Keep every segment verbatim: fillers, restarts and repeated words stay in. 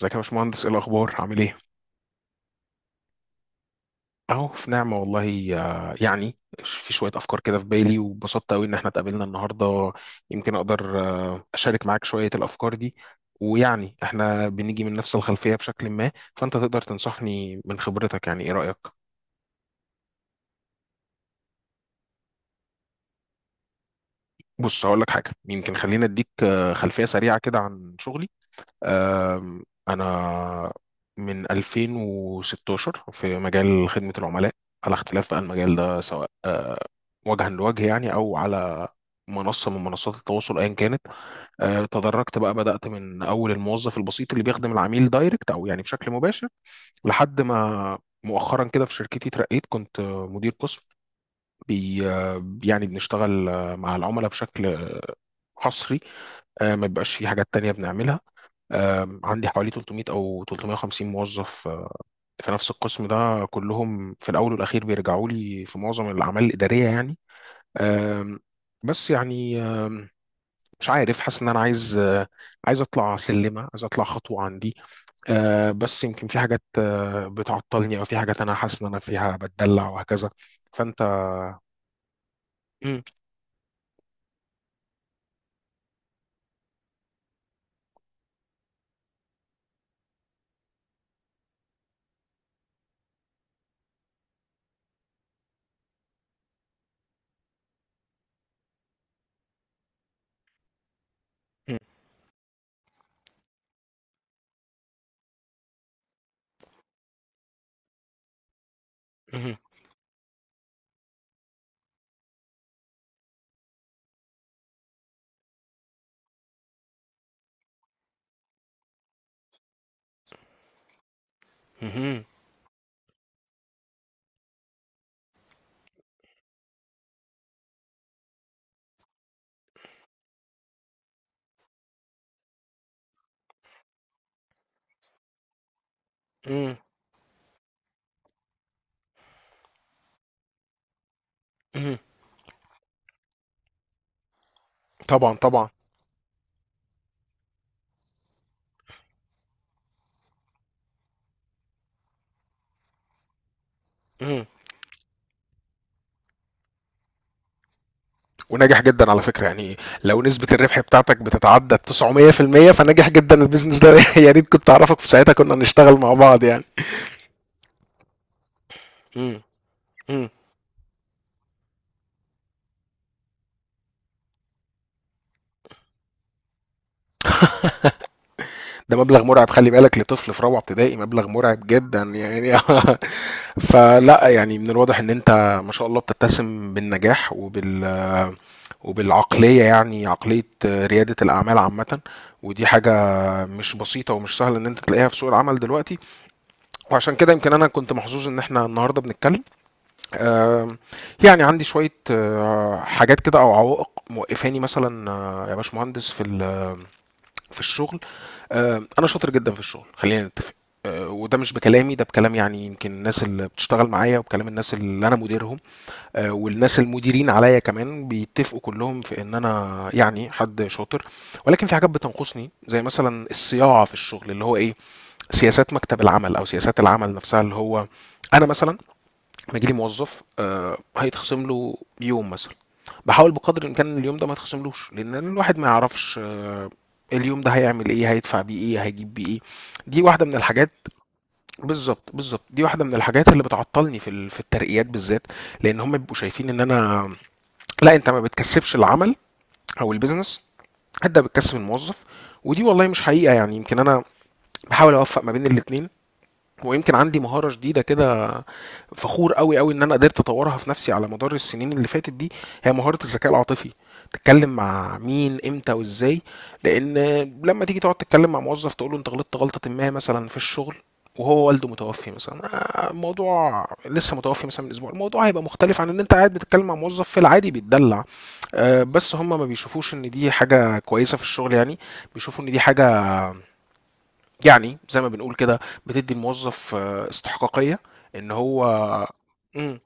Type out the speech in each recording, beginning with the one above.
ازيك يا باشمهندس؟ ايه الاخبار؟ عامل ايه؟ اهو في نعمه والله. آه، يعني في شويه افكار كده في بالي، وبسطت قوي ان احنا اتقابلنا النهارده. يمكن اقدر آه، اشارك معاك شويه الافكار دي، ويعني احنا بنيجي من نفس الخلفيه بشكل ما، فانت تقدر تنصحني من خبرتك. يعني ايه رايك؟ بص، هقول لك حاجه. يمكن خلينا اديك آه، خلفيه سريعه كده عن شغلي. آم، انا من ألفين وستة عشر في مجال خدمه العملاء، على اختلاف بقى المجال ده، سواء وجها لوجه يعني او على منصه من منصات التواصل ايا كانت. آه، تدرجت بقى، بدات من اول الموظف البسيط اللي بيخدم العميل دايركت او يعني بشكل مباشر، لحد ما مؤخرا كده في شركتي اترقيت. كنت آه، مدير قسم، بي آه، يعني بنشتغل آه، مع العملاء بشكل آه، حصري. آه، ما بيبقاش في حاجات تانية بنعملها. آه، عندي حوالي تلتمية أو ثلاثمائة وخمسين موظف آه، في نفس القسم ده، كلهم في الأول والأخير بيرجعوا لي في معظم الأعمال الإدارية يعني. آم، بس يعني، آم، مش عارف، حاسس ان انا عايز آه، عايز اطلع سلمه، عايز اطلع خطوه عندي. آه، بس يمكن في حاجات آه، بتعطلني، او في حاجات انا حاسس ان انا فيها بتدلع وهكذا. فانت مم، مم، مم، مم، مم، مم. طبعا طبعا. مم. وناجح جدا على فكره يعني. لو نسبه الربح بتاعتك بتتعدى تسعمائة في المية فناجح جدا البيزنس ده. يا ريت كنت اعرفك في ساعتها، كنا نشتغل مع بعض يعني. مم، مم. ده مبلغ مرعب، خلي بالك، لطفل في رابعة ابتدائي مبلغ مرعب جدا يعني. فلا، يعني من الواضح ان انت ما شاء الله بتتسم بالنجاح وبال وبالعقلية، يعني عقلية ريادة الأعمال عامة. ودي حاجة مش بسيطة ومش سهلة إن أنت تلاقيها في سوق العمل دلوقتي، وعشان كده يمكن أنا كنت محظوظ إن إحنا النهاردة بنتكلم. آم، يعني عندي شوية آه، حاجات كده أو عوائق موقفاني مثلا، آه، يا باشمهندس، في ال في الشغل. آه، انا شاطر جدا في الشغل، خلينا نتفق. آه، وده مش بكلامي، ده بكلام يعني يمكن الناس اللي بتشتغل معايا، وبكلام الناس اللي انا مديرهم، آه، والناس المديرين عليا كمان، بيتفقوا كلهم في ان انا يعني حد شاطر. ولكن في حاجات بتنقصني، زي مثلا الصياعه في الشغل، اللي هو ايه، سياسات مكتب العمل او سياسات العمل نفسها، اللي هو انا مثلا لما يجيلي موظف آه، هيتخصم له يوم مثلا، باحاول بقدر الامكان اليوم ده ما يتخصملوش، لان الواحد ما يعرفش آه، اليوم ده هيعمل ايه، هيدفع بيه ايه، هيجيب بيه ايه. دي واحده من الحاجات. بالظبط بالظبط. دي واحده من الحاجات اللي بتعطلني في ال- في الترقيات بالذات، لان هم بيبقوا شايفين ان انا، لا انت ما بتكسبش العمل او البيزنس، انت بتكسب الموظف. ودي والله مش حقيقه، يعني يمكن انا بحاول اوفق ما بين الاتنين. ويمكن عندي مهارة جديدة كده فخور قوي قوي ان انا قدرت اطورها في نفسي على مدار السنين اللي فاتت دي، هي مهارة الذكاء العاطفي: تتكلم مع مين، امتى وازاي. لان لما تيجي تقعد تتكلم مع موظف تقول له انت غلطت غلطة ما مثلا في الشغل، وهو والده متوفي مثلا، آه، الموضوع لسه، متوفي مثلا من اسبوع، الموضوع هيبقى مختلف عن ان انت قاعد بتتكلم مع موظف في العادي بيتدلع. آه، بس هم ما بيشوفوش ان دي حاجة كويسة في الشغل يعني، بيشوفوا ان دي حاجة، يعني زي ما بنقول كده، بتدي الموظف آه، استحقاقية ان هو مم،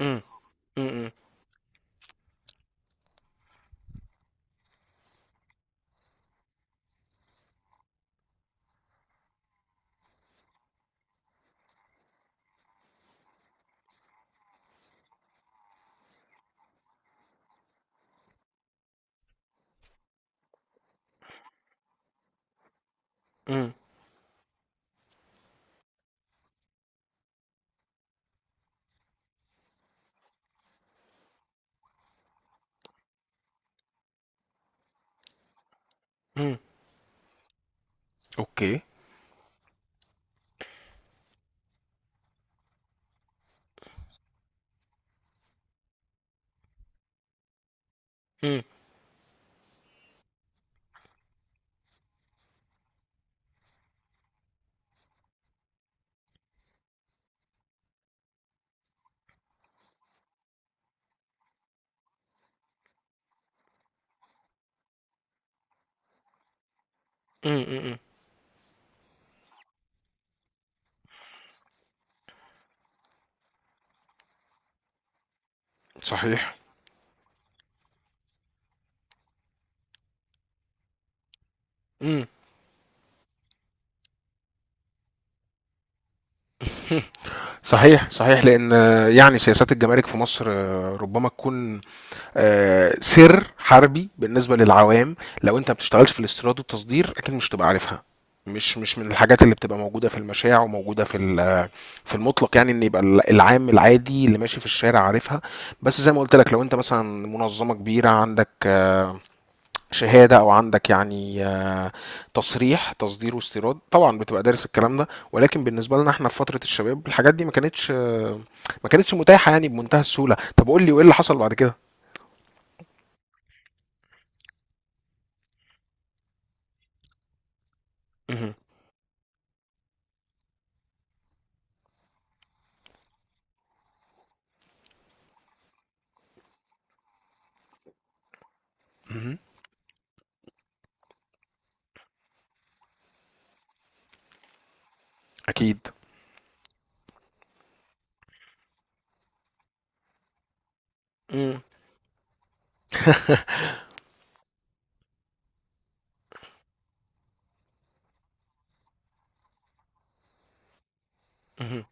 مم، مم، مم، مم، اوكي. مم، مم، مم، صحيح. مم. صحيح صحيح. لان آه، يعني سياسات الجمارك في مصر آه، ربما تكون آه، سر حربي بالنسبه للعوام. لو انت ما بتشتغلش في الاستيراد والتصدير، اكيد مش تبقى عارفها. مش، مش من الحاجات اللي بتبقى موجوده في المشاع، وموجوده في ال- في المطلق، يعني ان يبقى ال- العام العادي اللي ماشي في الشارع عارفها. بس زي ما قلت لك، لو انت مثلا منظمه كبيره عندك آه، شهاده او عندك يعني آه، تصريح تصدير واستيراد، طبعا بتبقى دارس الكلام ده. ولكن بالنسبه لنا احنا في فتره الشباب، الحاجات دي ما كانتش، آه، ما كانتش متاحه يعني بمنتهى السهوله. طب قول لي، وايه اللي حصل بعد كده؟ مهم. اهم، أكيد. إمم، اهم،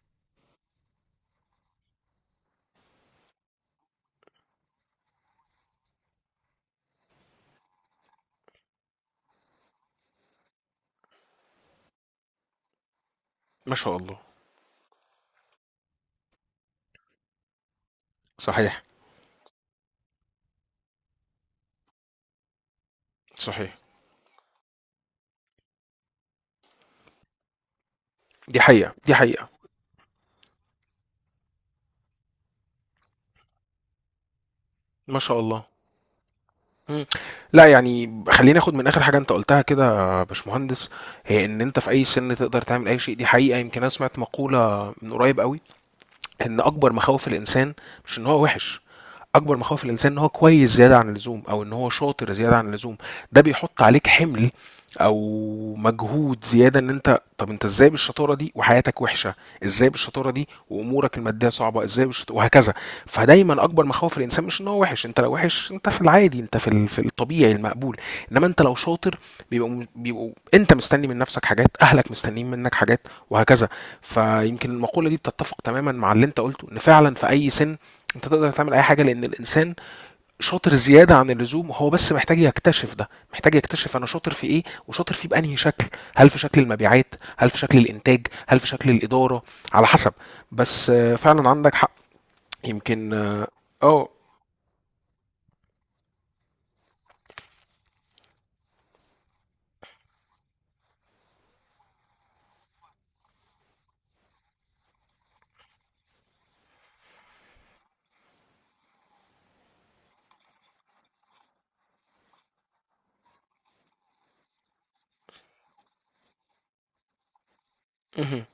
ما شاء الله، صحيح، صحيح. دي حقيقة، دي حقيقة. ما شاء الله. إمم. لأ، يعني خلّيني آخد من آخر حاجة أنت قُلتها كده يا باشمهندس، هي إن أنت في أي سِن تقدر تعمل أي شيء. دي حقيقة. يمكن أنا سمعت مقولة من قريب أوي، إن أكبر مخاوف الإنسان مش إن هو وِحِش. اكبر مخاوف الانسان ان هو كويس زياده عن اللزوم، او ان هو شاطر زياده عن اللزوم. ده بيحط عليك حمل او مجهود زياده، ان انت، طب انت ازاي بالشطاره دي وحياتك وحشه؟ ازاي بالشطاره دي وامورك الماديه صعبه؟ ازاي بالشطاره، وهكذا. فدايما اكبر مخاوف الانسان مش ان هو وحش. انت لو وحش انت في العادي، انت في ال- في الطبيعي المقبول. انما انت لو شاطر بيبقوا بيبقوا انت مستني من نفسك حاجات، اهلك مستنيين منك حاجات، وهكذا. فيمكن المقوله دي بتتفق تماما مع اللي انت قلته، ان فعلا في اي سن انت تقدر تعمل اي حاجه، لان الانسان شاطر زياده عن اللزوم، وهو بس محتاج يكتشف ده، محتاج يكتشف انا شاطر في ايه، وشاطر فيه بانهي شكل. هل في شكل المبيعات؟ هل في شكل الانتاج؟ هل في شكل الاداره؟ على حسب. بس آه، فعلا عندك حق. يمكن اه آه، مهم.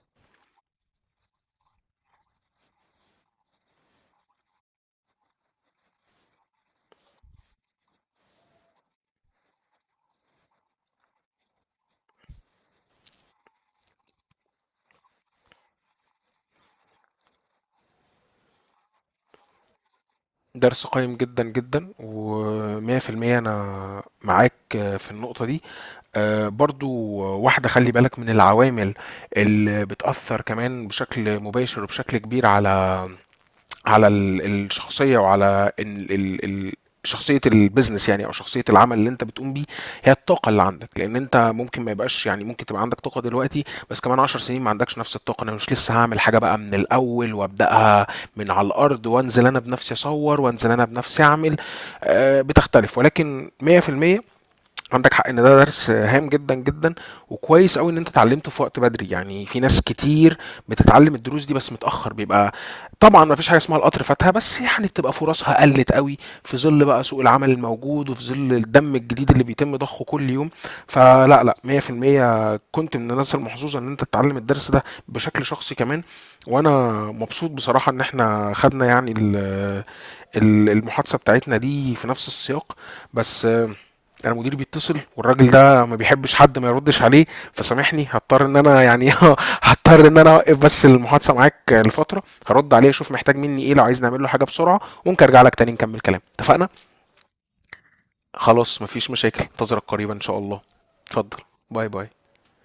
درس قيم جدا جدا، و100% انا معاك آه، في النقطه دي. آه، برضو واحده، خلي بالك من العوامل اللي بتاثر كمان بشكل مباشر وبشكل كبير على، على ال- الشخصيه، وعلى ال- ال- ال- شخصيه البيزنس، يعني او شخصيه العمل اللي انت بتقوم بيه، هي الطاقه اللي عندك. لان انت ممكن ما يبقاش، يعني ممكن تبقى عندك طاقه دلوقتي بس كمان عشر سنين ما عندكش نفس الطاقه. انا مش لسه هعمل حاجه بقى من الاول، وابداها من على الارض، وانزل انا بنفسي اصور، وانزل انا بنفسي اعمل. آه، بتختلف. ولكن مية في المية عندك حق ان ده درس هام جدا جدا، وكويس قوي ان انت اتعلمته في وقت بدري. يعني في ناس كتير بتتعلم الدروس دي بس متاخر، بيبقى طبعا ما فيش حاجه اسمها القطر فاتها، بس يعني بتبقى فرصها قلت قوي في ظل بقى سوق العمل الموجود، وفي ظل الدم الجديد اللي بيتم ضخه كل يوم. فلا لا، مية في المية كنت من الناس المحظوظه ان انت تتعلم الدرس ده بشكل شخصي كمان. وانا مبسوط بصراحه ان احنا خدنا يعني ال- ال- المحادثه بتاعتنا دي في نفس السياق. بس انا مديري بيتصل، والراجل ده ما بيحبش حد ما يردش عليه، فسامحني، هضطر ان انا يعني، هضطر ان انا اوقف بس المحادثه معاك لفتره، هرد عليه اشوف محتاج مني ايه، لو عايز نعمل له حاجه بسرعه، وممكن ارجع لك تاني نكمل كلام. اتفقنا؟ خلاص، مفيش مشاكل، انتظرك قريبا ان شاء الله. اتفضل. باي باي.